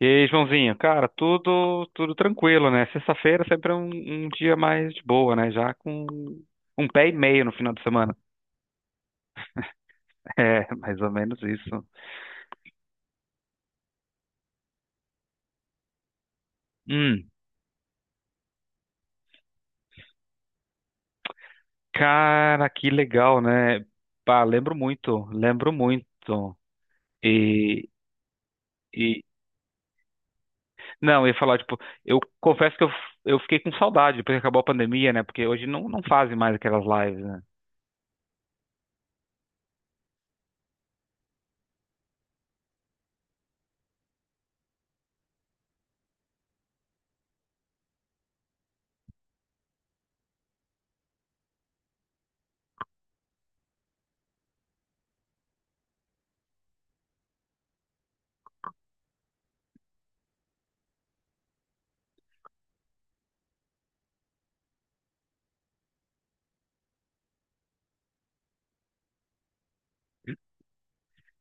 E aí, Joãozinho, cara, tudo tranquilo, né? Sexta-feira sempre é um dia mais de boa, né? Já com um pé e meio no final de semana. É, mais ou menos isso. Hum, Cara, que legal, né? Pá, lembro muito, lembro muito. E, e, não, eu ia falar, tipo, eu confesso que eu fiquei com saudade depois que acabou a pandemia, né? Porque hoje não, não fazem mais aquelas lives, né?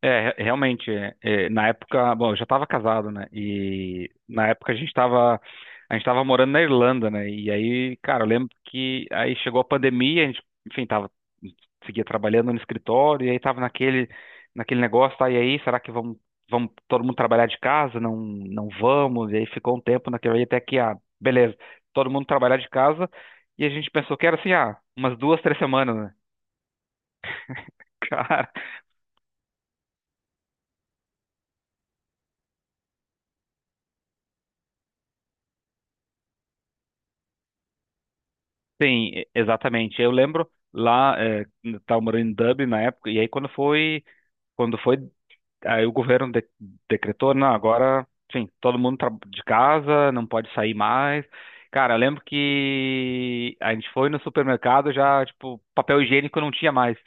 É, realmente, na época, bom, eu já estava casado, né? E na época a gente estava morando na Irlanda, né? E aí, cara, eu lembro que aí chegou a pandemia, a gente, enfim, tava seguia trabalhando no escritório e aí tava naquele negócio, tá? E aí, será que vamos todo mundo trabalhar de casa? Não, vamos. E aí ficou um tempo naquele aí até que, ah, beleza, todo mundo trabalhar de casa e a gente pensou que era assim, ah, umas 2, 3 semanas, né? Cara. Sim, exatamente. Eu lembro lá, estava morando em Dublin na época, e aí quando foi, aí o governo decretou, não, agora, sim, todo mundo de casa, não pode sair mais. Cara, eu lembro que a gente foi no supermercado já, tipo, papel higiênico não tinha mais.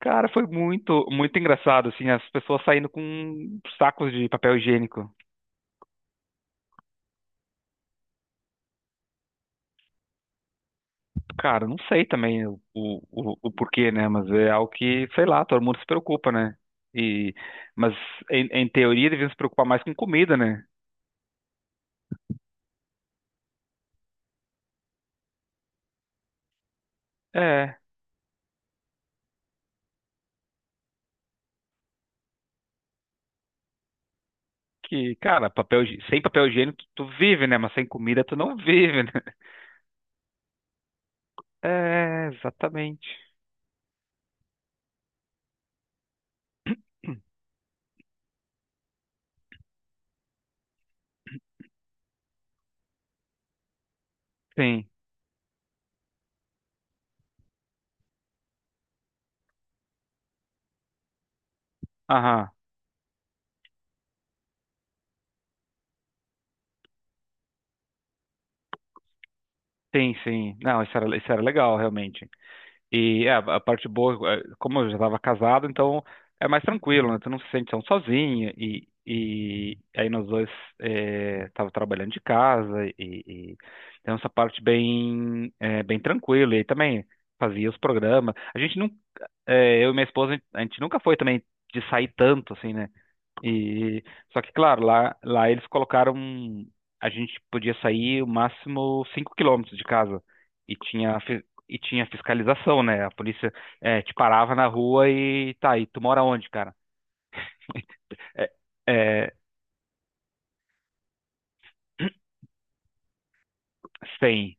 Cara, foi muito, muito engraçado, assim, as pessoas saindo com sacos de papel higiênico. Cara, não sei também o porquê, né? Mas é algo que, sei lá, todo mundo se preocupa, né? E, mas em teoria deviam se preocupar mais com comida, né? É, que, cara, papel, sem papel higiênico, tu vive, né? Mas sem comida tu não vive, né? É, exatamente. Sim, aham, sim, sim. Não, isso era legal, realmente. E é, a parte boa, é, como eu já estava casado, então é mais tranquilo, né? Tu não se sente tão sozinho. E, aí nós dois, é, tava trabalhando de casa e então essa parte bem, é, bem tranquila. E aí também fazia os programas. A gente não, é, Eu e minha esposa, a gente nunca foi também de sair tanto assim, né? E só que claro, lá eles colocaram um, a gente podia sair o máximo 5 km de casa e tinha fiscalização, né? A polícia, eh, te parava na rua e, tá, e tu mora onde, cara? É, é, sem.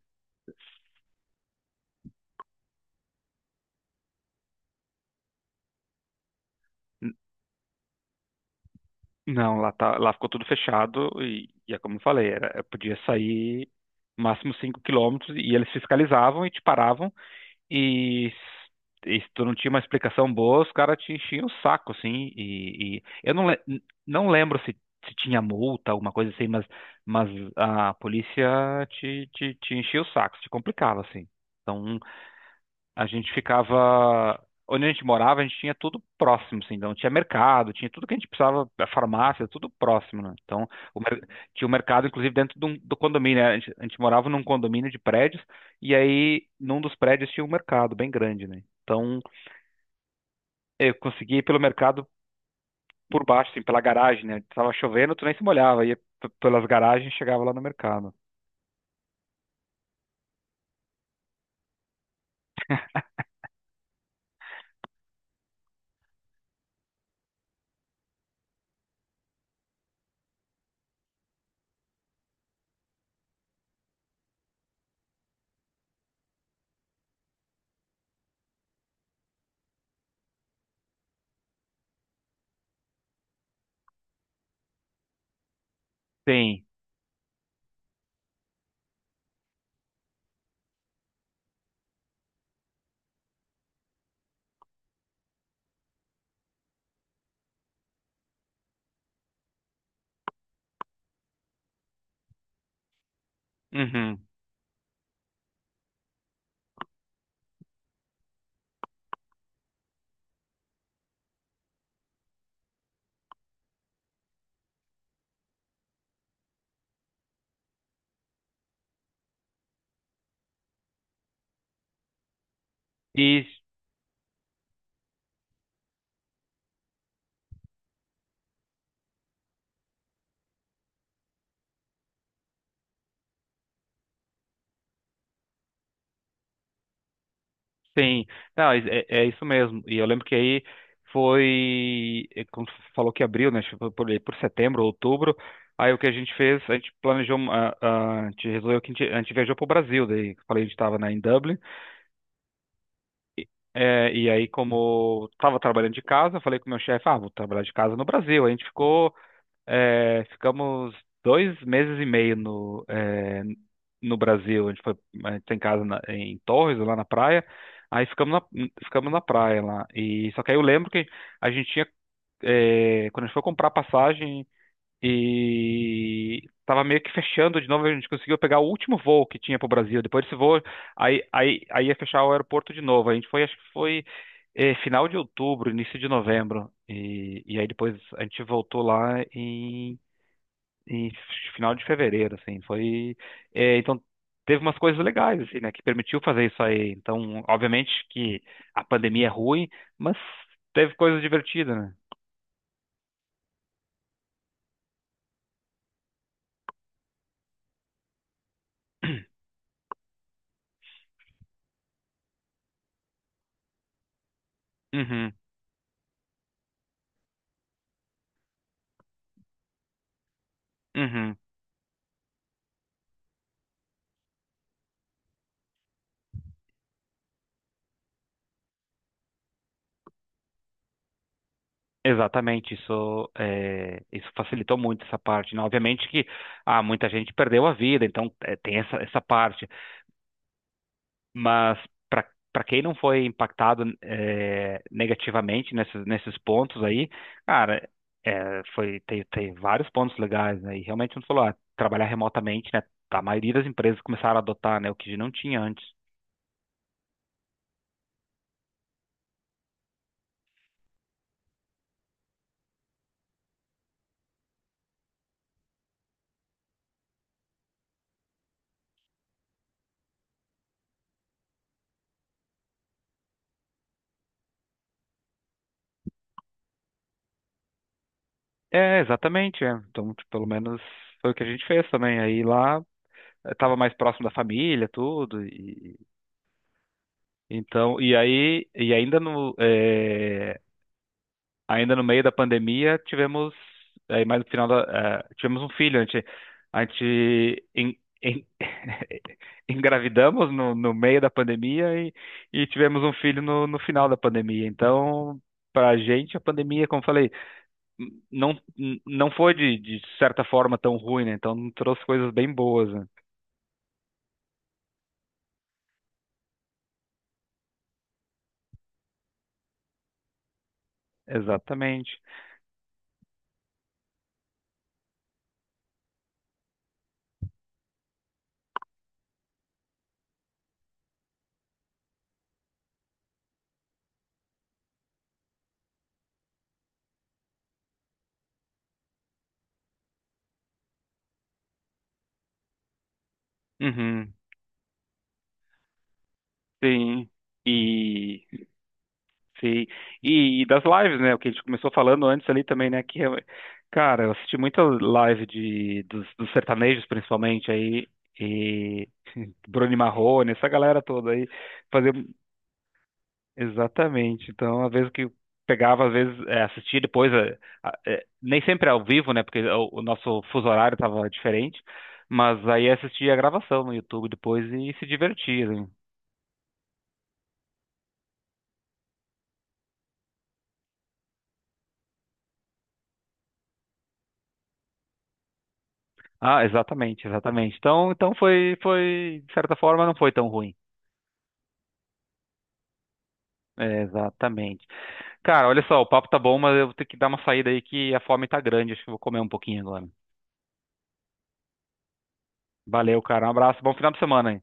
Não, lá ficou tudo fechado, e é como eu falei, era, eu podia sair máximo 5 km e eles fiscalizavam e te paravam. E, e se tu não tinha uma explicação boa, os caras te enchiam o saco, assim. E e eu não lembro se tinha multa, alguma coisa assim, mas a polícia te enchia o saco, te complicava, assim. Então a gente ficava. Onde a gente morava, a gente tinha tudo próximo, assim, então tinha mercado, tinha tudo que a gente precisava, a farmácia, tudo próximo, né? Então, o mer- tinha o mercado, inclusive, dentro do condomínio, né? A gente morava num condomínio de prédios, e aí, num dos prédios tinha um mercado bem grande, né? Então, eu conseguia ir pelo mercado por baixo, assim, pela garagem, né? Tava chovendo, tu nem se molhava, ia pelas garagens e chegava lá no mercado. Sim. Uhum. E Sim, não, é isso mesmo. E eu lembro que aí foi, é, como tu falou que abriu, né? Tipo, por, aí por setembro, outubro. Aí o que a gente fez, a gente planejou, uma, a gente resolveu que a gente viajou pro Brasil. Daí falei, a gente estava, né, em Dublin. É, e aí, como estava trabalhando de casa, eu falei com o meu chefe, ah, vou trabalhar de casa no Brasil. Aí a gente ficou. É, ficamos 2 meses e meio no Brasil. A gente tem casa em Torres, lá na praia. Aí ficamos na praia lá. E só que aí eu lembro que a gente tinha, é, quando a gente foi comprar passagem e tava meio que fechando de novo, a gente conseguiu pegar o último voo que tinha pro Brasil. Depois desse voo, aí ia fechar o aeroporto de novo. A gente foi, acho que foi, final de outubro, início de novembro. E e aí depois a gente voltou lá em final de fevereiro, assim, foi, é, então teve umas coisas legais, assim, né, que permitiu fazer isso aí. Então, obviamente que a pandemia é ruim, mas teve coisas divertidas, né? Uhum, uhum. Exatamente, isso, isso facilitou muito essa parte, né? Obviamente que, ah, muita gente perdeu a vida, então, tem essa, parte. Mas para, para quem não foi impactado, é, negativamente nesses pontos aí, cara, é, foi tem vários pontos legais, né? E realmente como tu falou, ah, trabalhar remotamente, né? A maioria das empresas começaram a adotar, né? O que não tinha antes. É, exatamente. É. Então, tipo, pelo menos foi o que a gente fez também. Aí lá eu tava mais próximo da família, tudo. E então, e aí, e ainda no meio da pandemia, aí mais no final da, tivemos um filho. A gente en- engravidamos no meio da pandemia e tivemos um filho no final da pandemia. Então, para a gente, a pandemia, como eu falei, n- não, não foi, de certa forma, tão ruim, né? Então, trouxe coisas bem boas, né? Exatamente. Uhum, sim. E. Sim. E das lives, né? O que a gente começou falando antes ali também, né? Que, cara, eu assisti muita live dos sertanejos, principalmente, aí, e Bruno e Marrone, essa galera toda aí, fazer exatamente. Então, às vezes que eu pegava, às vezes, é, assistia depois, nem sempre ao vivo, né? Porque o nosso fuso horário tava diferente, mas aí assistia a gravação no YouTube depois e se divertia, né? Ah, exatamente, exatamente. Então, então foi, de certa forma, não foi tão ruim. É, exatamente. Cara, olha só, o papo tá bom, mas eu vou ter que dar uma saída aí que a fome tá grande. Acho que eu vou comer um pouquinho agora. Valeu, cara. Um abraço, bom final de semana aí.